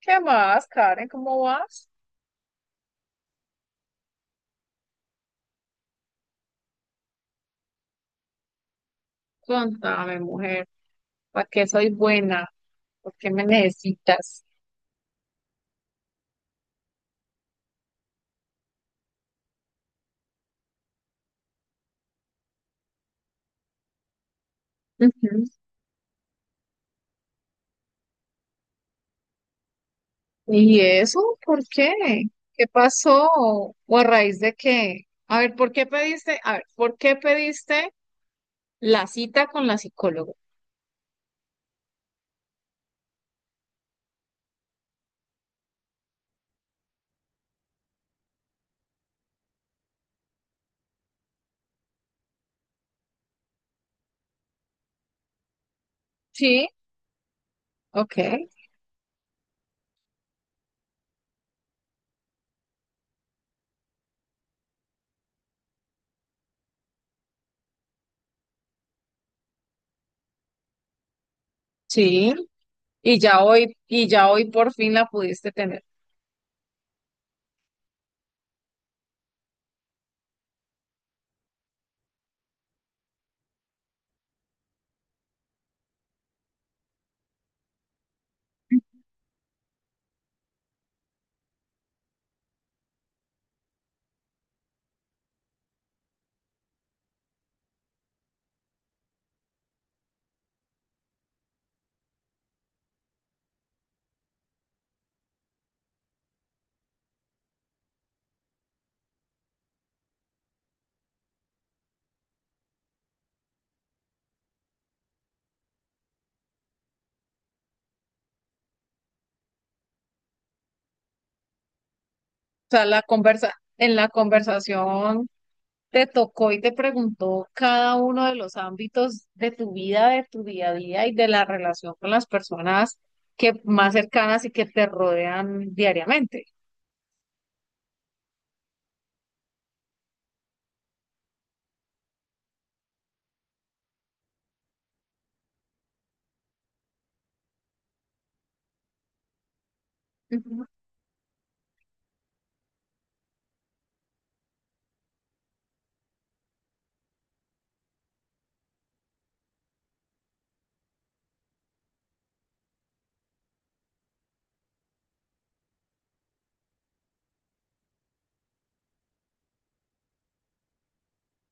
¿Qué más, Karen? ¿Cómo vas? Contame, mujer, ¿para qué soy buena? ¿Por qué me necesitas? Ujú. ¿Y eso? ¿Por qué? ¿Qué pasó? ¿O a raíz de qué? A ver, ¿por qué pediste la cita con la psicóloga? Sí, ok, sí. Y ya hoy por fin la pudiste tener. O sea, en la conversación te tocó y te preguntó cada uno de los ámbitos de tu vida, de tu día a día y de la relación con las personas que más cercanas y que te rodean diariamente. Ujú,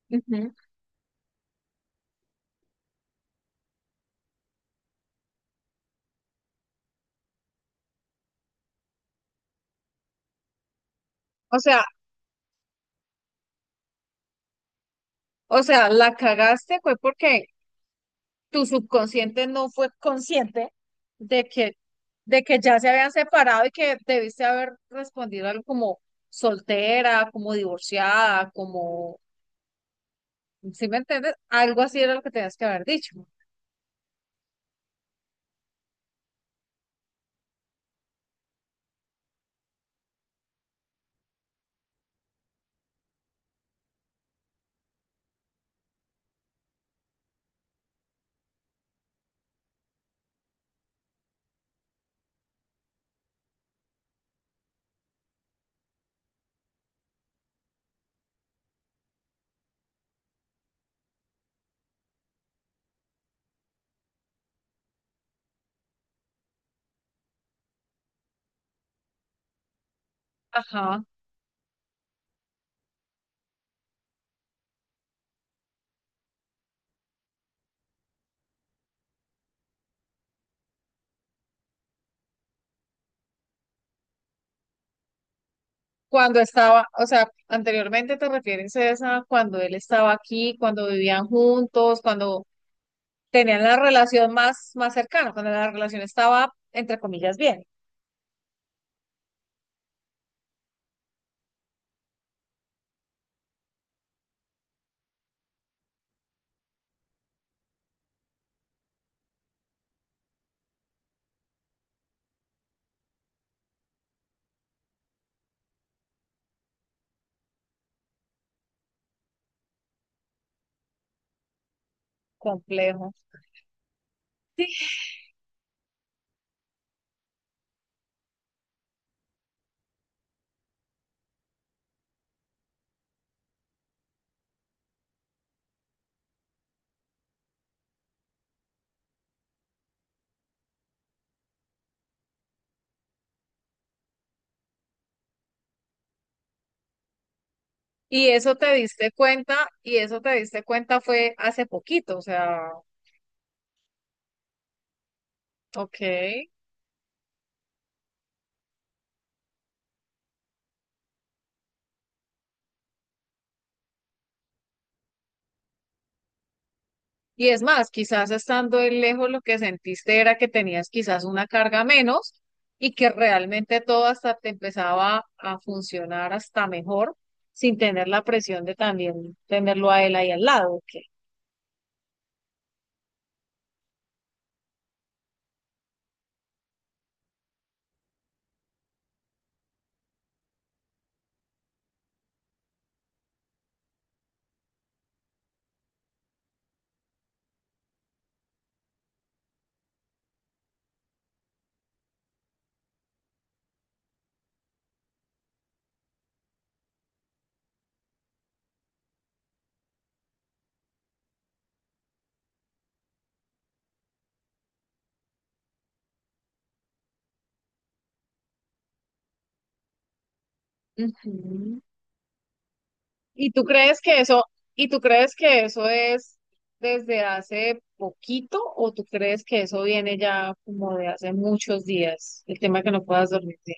ujú. O sea, o sea, la cagaste fue porque tu subconsciente no fue consciente de que, de que ya se habían separado y que debiste haber respondido algo como soltera, como divorciada, como, ¿sí me entiendes? Algo así era lo que tenías que haber dicho. Ajá. Cuando estaba, o sea, anteriormente te refieres a esa, cuando él estaba aquí, cuando vivían juntos, cuando tenían la relación más cercana, cuando la relación estaba, entre comillas, bien, complejo. Y eso te diste cuenta, y eso te diste cuenta fue hace poquito, o sea, ok. Y es más, quizás estando él lejos lo que sentiste era que tenías quizás una carga menos y que realmente todo hasta te empezaba a funcionar hasta mejor sin tener la presión de también tenerlo a él ahí al lado. ¿Ok? Ujú. ¿Y tú crees que eso, y tú crees que eso es desde hace poquito o tú crees que eso viene ya como de hace muchos días, el tema que no puedas dormirte?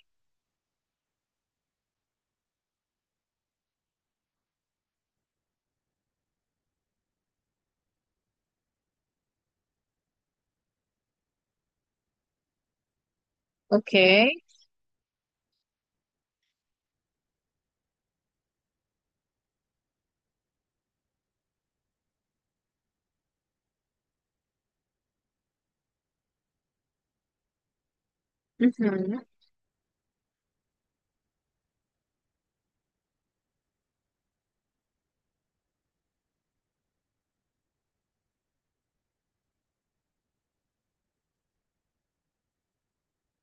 Ok. Ujú.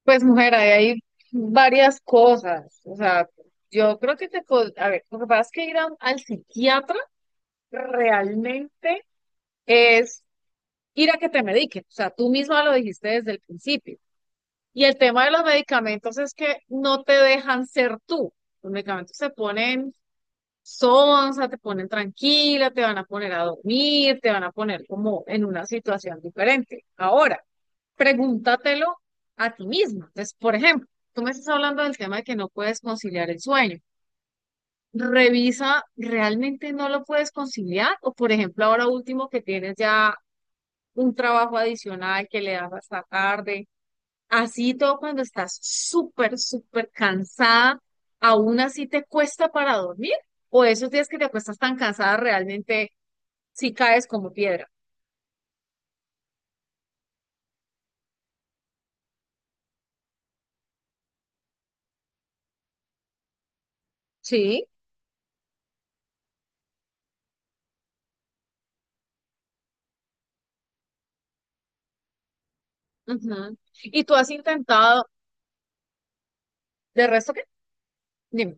Pues mujer, ahí hay varias cosas. O sea, yo creo que a ver, lo que pasa es que al psiquiatra realmente es ir a que te mediquen. O sea, tú misma lo dijiste desde el principio. Y el tema de los medicamentos es que no te dejan ser tú. Los medicamentos se ponen sonsa, te ponen tranquila, te van a poner a dormir, te van a poner como en una situación diferente. Ahora pregúntatelo a ti misma. Entonces, por ejemplo, tú me estás hablando del tema de que no puedes conciliar el sueño. Revisa, ¿realmente no lo puedes conciliar? O, por ejemplo, ahora último que tienes ya un trabajo adicional que le das hasta tarde, así todo cuando estás súper cansada, aún así te cuesta para dormir. O esos días que te acuestas tan cansada, realmente sí caes como piedra. Sí. Ujú. Y tú has intentado, de resto, ¿qué? Dime.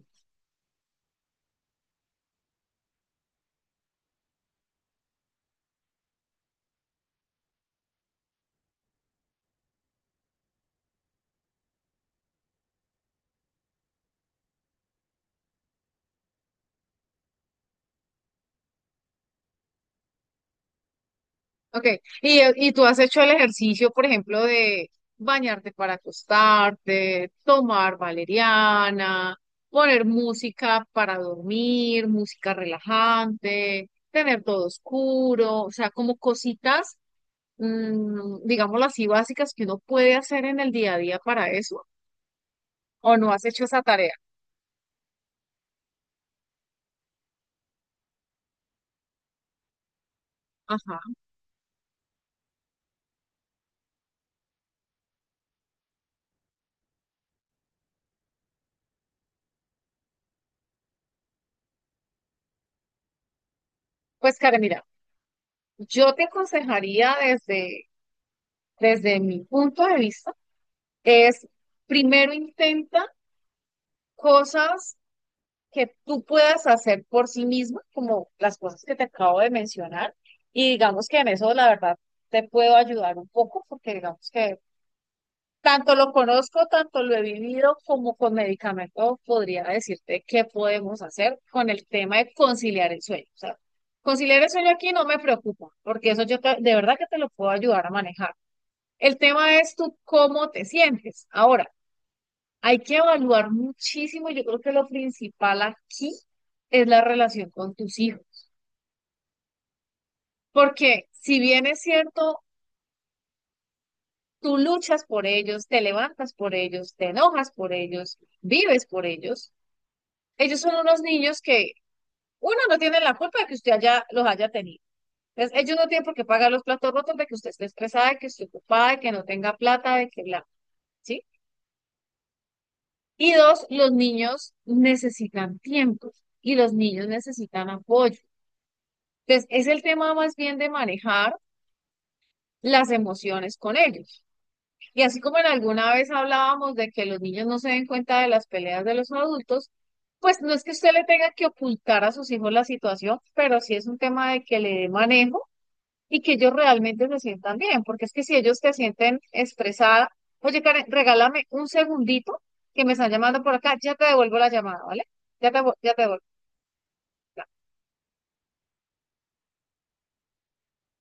Ok, y tú has hecho el ejercicio, por ejemplo, de bañarte para acostarte, tomar valeriana, poner música para dormir, música relajante, tener todo oscuro, o sea, como cositas, digámoslo así, básicas que uno puede hacer en el día a día para eso, o no has hecho esa tarea. Ajá. Pues, Karen, mira, yo te aconsejaría desde mi punto de vista, es primero intenta cosas que tú puedas hacer por sí misma, como las cosas que te acabo de mencionar. Y digamos que en eso, la verdad, te puedo ayudar un poco, porque digamos que tanto lo conozco, tanto lo he vivido, como con medicamentos podría decirte qué podemos hacer con el tema de conciliar el sueño. O sea, conciliar el sueño aquí no me preocupa, porque de verdad que te lo puedo ayudar a manejar. El tema es tú cómo te sientes. Ahora, hay que evaluar muchísimo. Yo creo que lo principal aquí es la relación con tus hijos, porque si bien es cierto, tú luchas por ellos, te levantas por ellos, te enojas por ellos, vives por ellos, ellos son unos niños que uno no tiene la culpa de que los haya tenido. Entonces, ellos no tienen por qué pagar los platos rotos de que usted esté estresada, de que esté ocupada, de que no tenga plata, de que bla, ¿sí? Y dos, los niños necesitan tiempo y los niños necesitan apoyo. Entonces, es el tema más bien de manejar las emociones con ellos. Y así como en alguna vez hablábamos de que los niños no se den cuenta de las peleas de los adultos, pues no es que usted le tenga que ocultar a sus hijos la situación, pero sí es un tema de que le dé manejo y que ellos realmente se sientan bien, porque es que si ellos te sienten estresada, oye, Karen, regálame un segundito que me están llamando por acá, ya te devuelvo la llamada, ¿vale? Ya te devuelvo.